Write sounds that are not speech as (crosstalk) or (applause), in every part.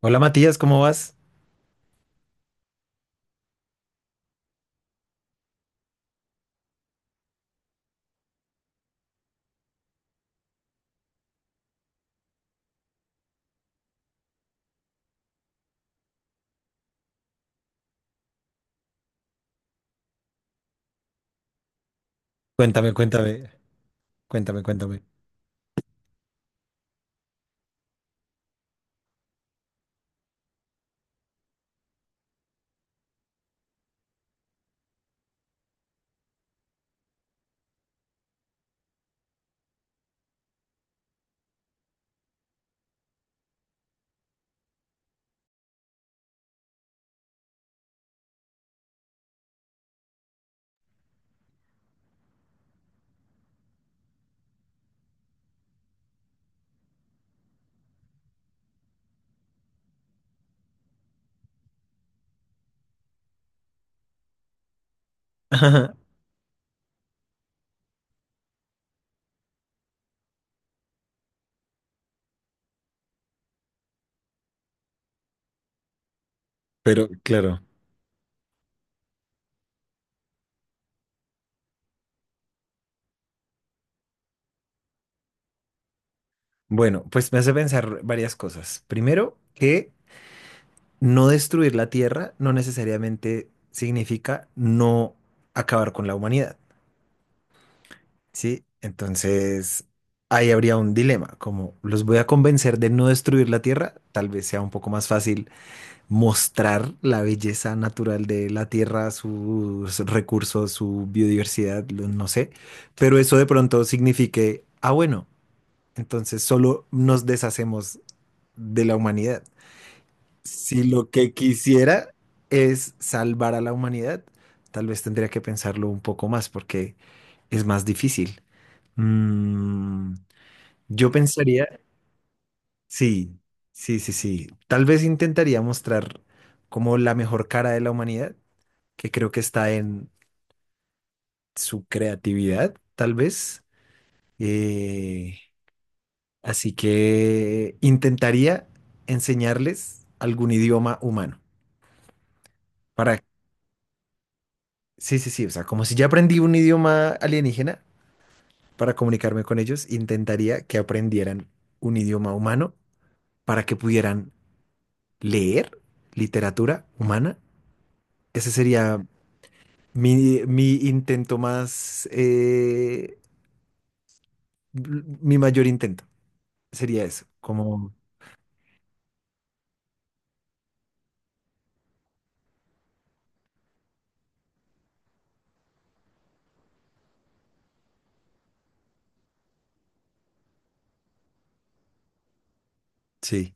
Hola Matías, ¿cómo vas? Cuéntame, cuéntame, cuéntame, cuéntame. (laughs) Pero claro, bueno, pues me hace pensar varias cosas. Primero, que no destruir la Tierra no necesariamente significa no acabar con la humanidad, ¿sí? Entonces, ahí habría un dilema, como los voy a convencer de no destruir la Tierra. Tal vez sea un poco más fácil mostrar la belleza natural de la tierra, sus recursos, su biodiversidad, no sé, pero eso de pronto signifique, ah, bueno, entonces solo nos deshacemos de la humanidad. Si lo que quisiera es salvar a la humanidad, tal vez tendría que pensarlo un poco más porque es más difícil. Mm, yo pensaría, sí, sí, sí. Tal vez intentaría mostrar como la mejor cara de la humanidad, que creo que está en su creatividad, tal vez. Eh, así que intentaría enseñarles algún idioma humano. Para, sí, sí, sí, o sea, como si ya aprendí un idioma alienígena para comunicarme con ellos, intentaría que aprendieran un idioma humano para que pudieran leer literatura humana. Ese sería mi intento más, mi mayor intento. Sería eso, como sí.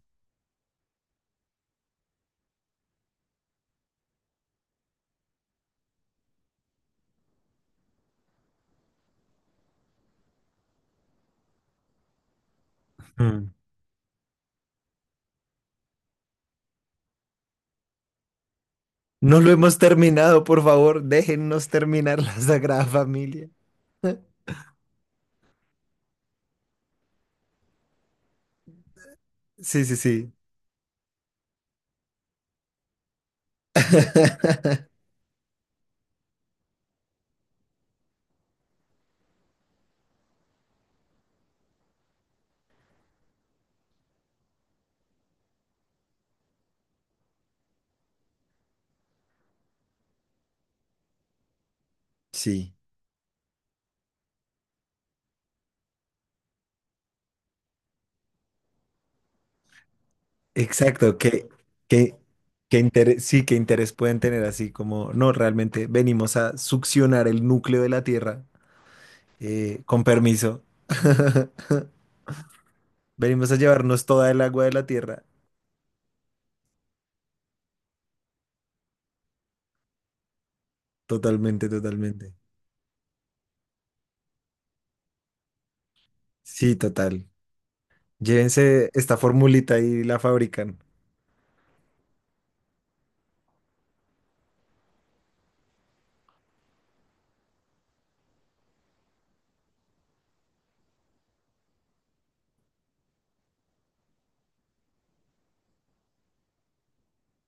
Mm. No lo hemos terminado, por favor, déjennos terminar (laughs) la Sagrada Familia. (laughs) Sí, sí, sí. (laughs) Sí, exacto. Qué, qué interés, sí, qué interés pueden tener así como, no, realmente venimos a succionar el núcleo de la Tierra, con permiso. (laughs) Venimos a llevarnos toda el agua de la Tierra. Totalmente, totalmente. Sí, total. Llévense esta formulita y la fabrican.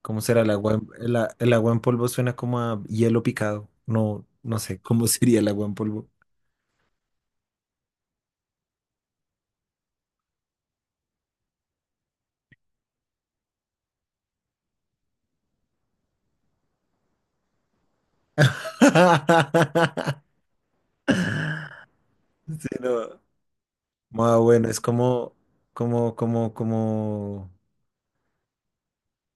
¿Cómo será el agua? El agua en polvo suena como a hielo picado. No, no sé, ¿cómo (laughs) sería el agua en polvo? (laughs) Sí, no. Ah, bueno, es como.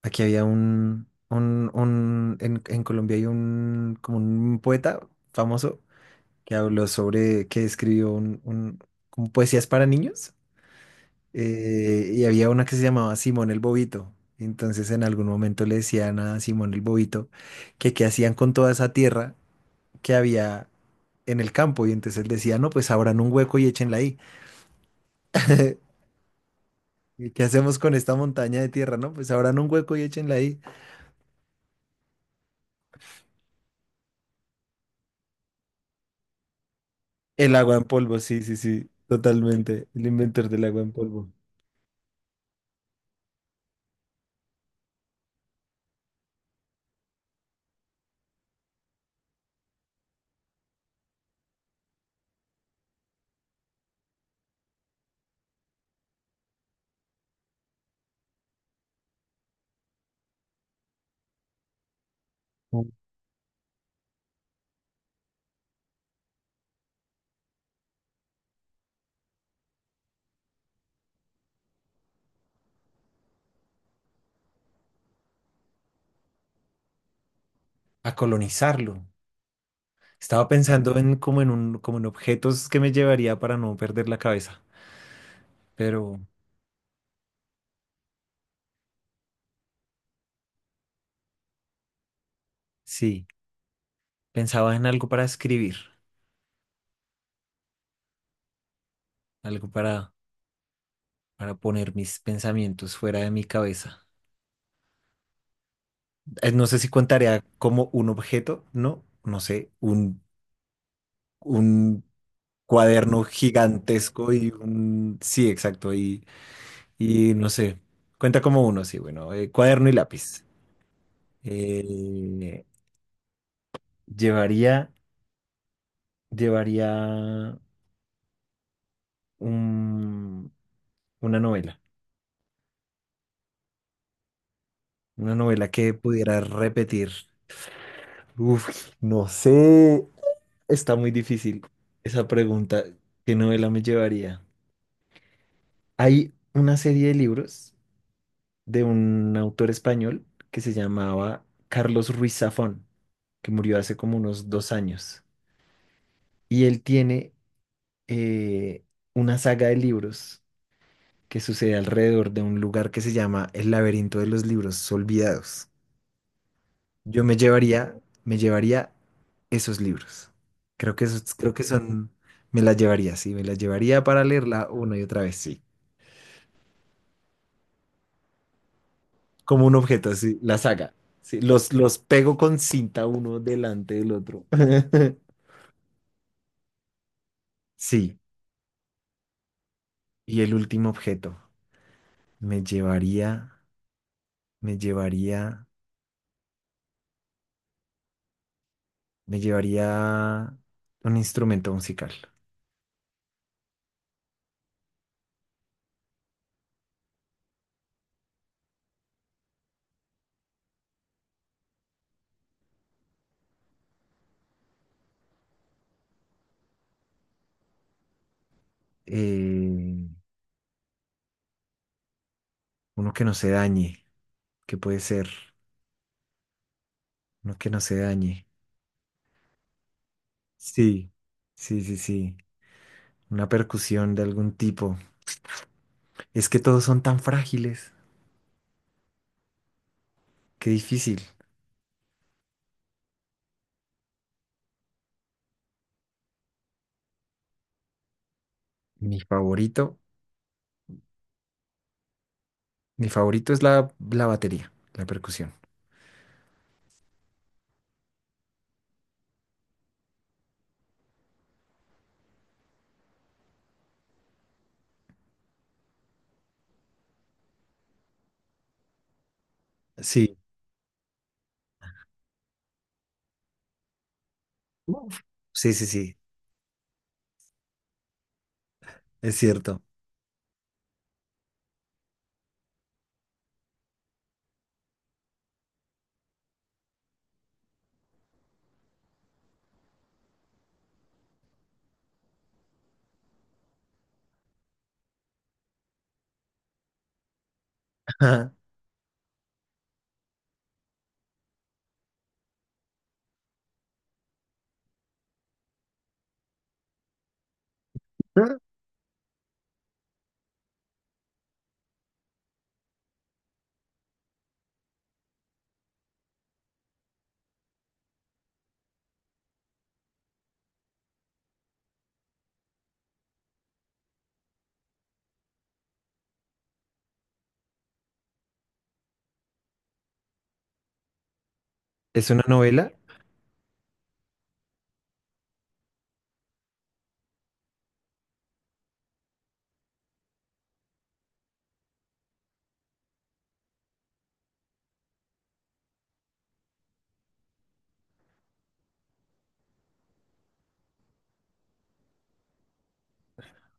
Aquí había en Colombia hay un, como un poeta famoso que habló sobre, que escribió como poesías para niños. Eh, y había una que se llamaba Simón el Bobito. Entonces en algún momento le decían a Simón el Bobito que qué hacían con toda esa tierra que había en el campo. Y entonces él decía, no, pues abran un hueco y échenla ahí. (laughs) ¿Y qué hacemos con esta montaña de tierra? No, pues abran un hueco y échenla ahí. El agua en polvo, sí, sí, sí, totalmente. El inventor del agua en polvo. A colonizarlo. Estaba pensando en como en un, como en objetos que me llevaría para no perder la cabeza. Pero sí. Pensaba en algo para escribir, algo para poner mis pensamientos fuera de mi cabeza. No sé si contaría como un objeto, no, no sé, un cuaderno gigantesco y un... Sí, exacto, y no sé, cuenta como uno, sí, bueno, cuaderno y lápiz. Eh, llevaría, llevaría un- una novela, una novela que pudiera repetir. Uf, no sé. Está muy difícil esa pregunta. ¿Qué novela me llevaría? Hay una serie de libros de un autor español que se llamaba Carlos Ruiz Zafón, que murió hace como unos 2 años. Y él tiene eh, una saga de libros que sucede alrededor de un lugar que se llama El laberinto de los libros olvidados. Yo me llevaría esos libros. Creo que esos, creo que son, me las llevaría, sí, me las llevaría para leerla una y otra vez, sí. Como un objeto, sí, la saga. Sí, los pego con cinta uno delante del otro. (laughs) Sí, y el último objeto, me llevaría, me llevaría, me llevaría un instrumento musical. Eh, uno que no se dañe, que puede ser, uno que no se dañe. Sí, sí, sí, sí. Una percusión de algún tipo. Es que todos son tan frágiles. Qué difícil. Mi favorito, mi favorito es la batería, la percusión. Sí. Uf. Sí, sí, sí. Es cierto. (laughs) Es una novela.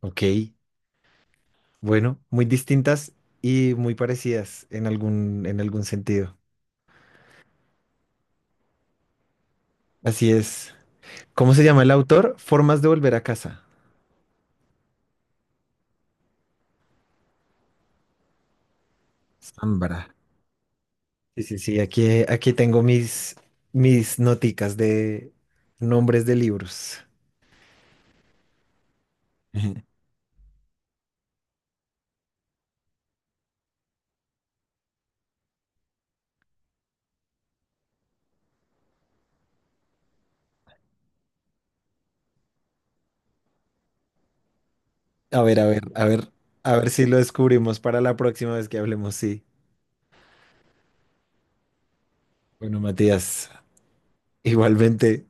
Ok. Bueno, muy distintas y muy parecidas en algún sentido. Así es. ¿Cómo se llama el autor? Formas de volver a casa. Sambra. Sí, sí, sí, aquí, aquí tengo mis noticas de nombres de libros. (laughs) A ver, a ver, a ver, a ver si lo descubrimos para la próxima vez que hablemos, sí. Bueno, Matías, igualmente.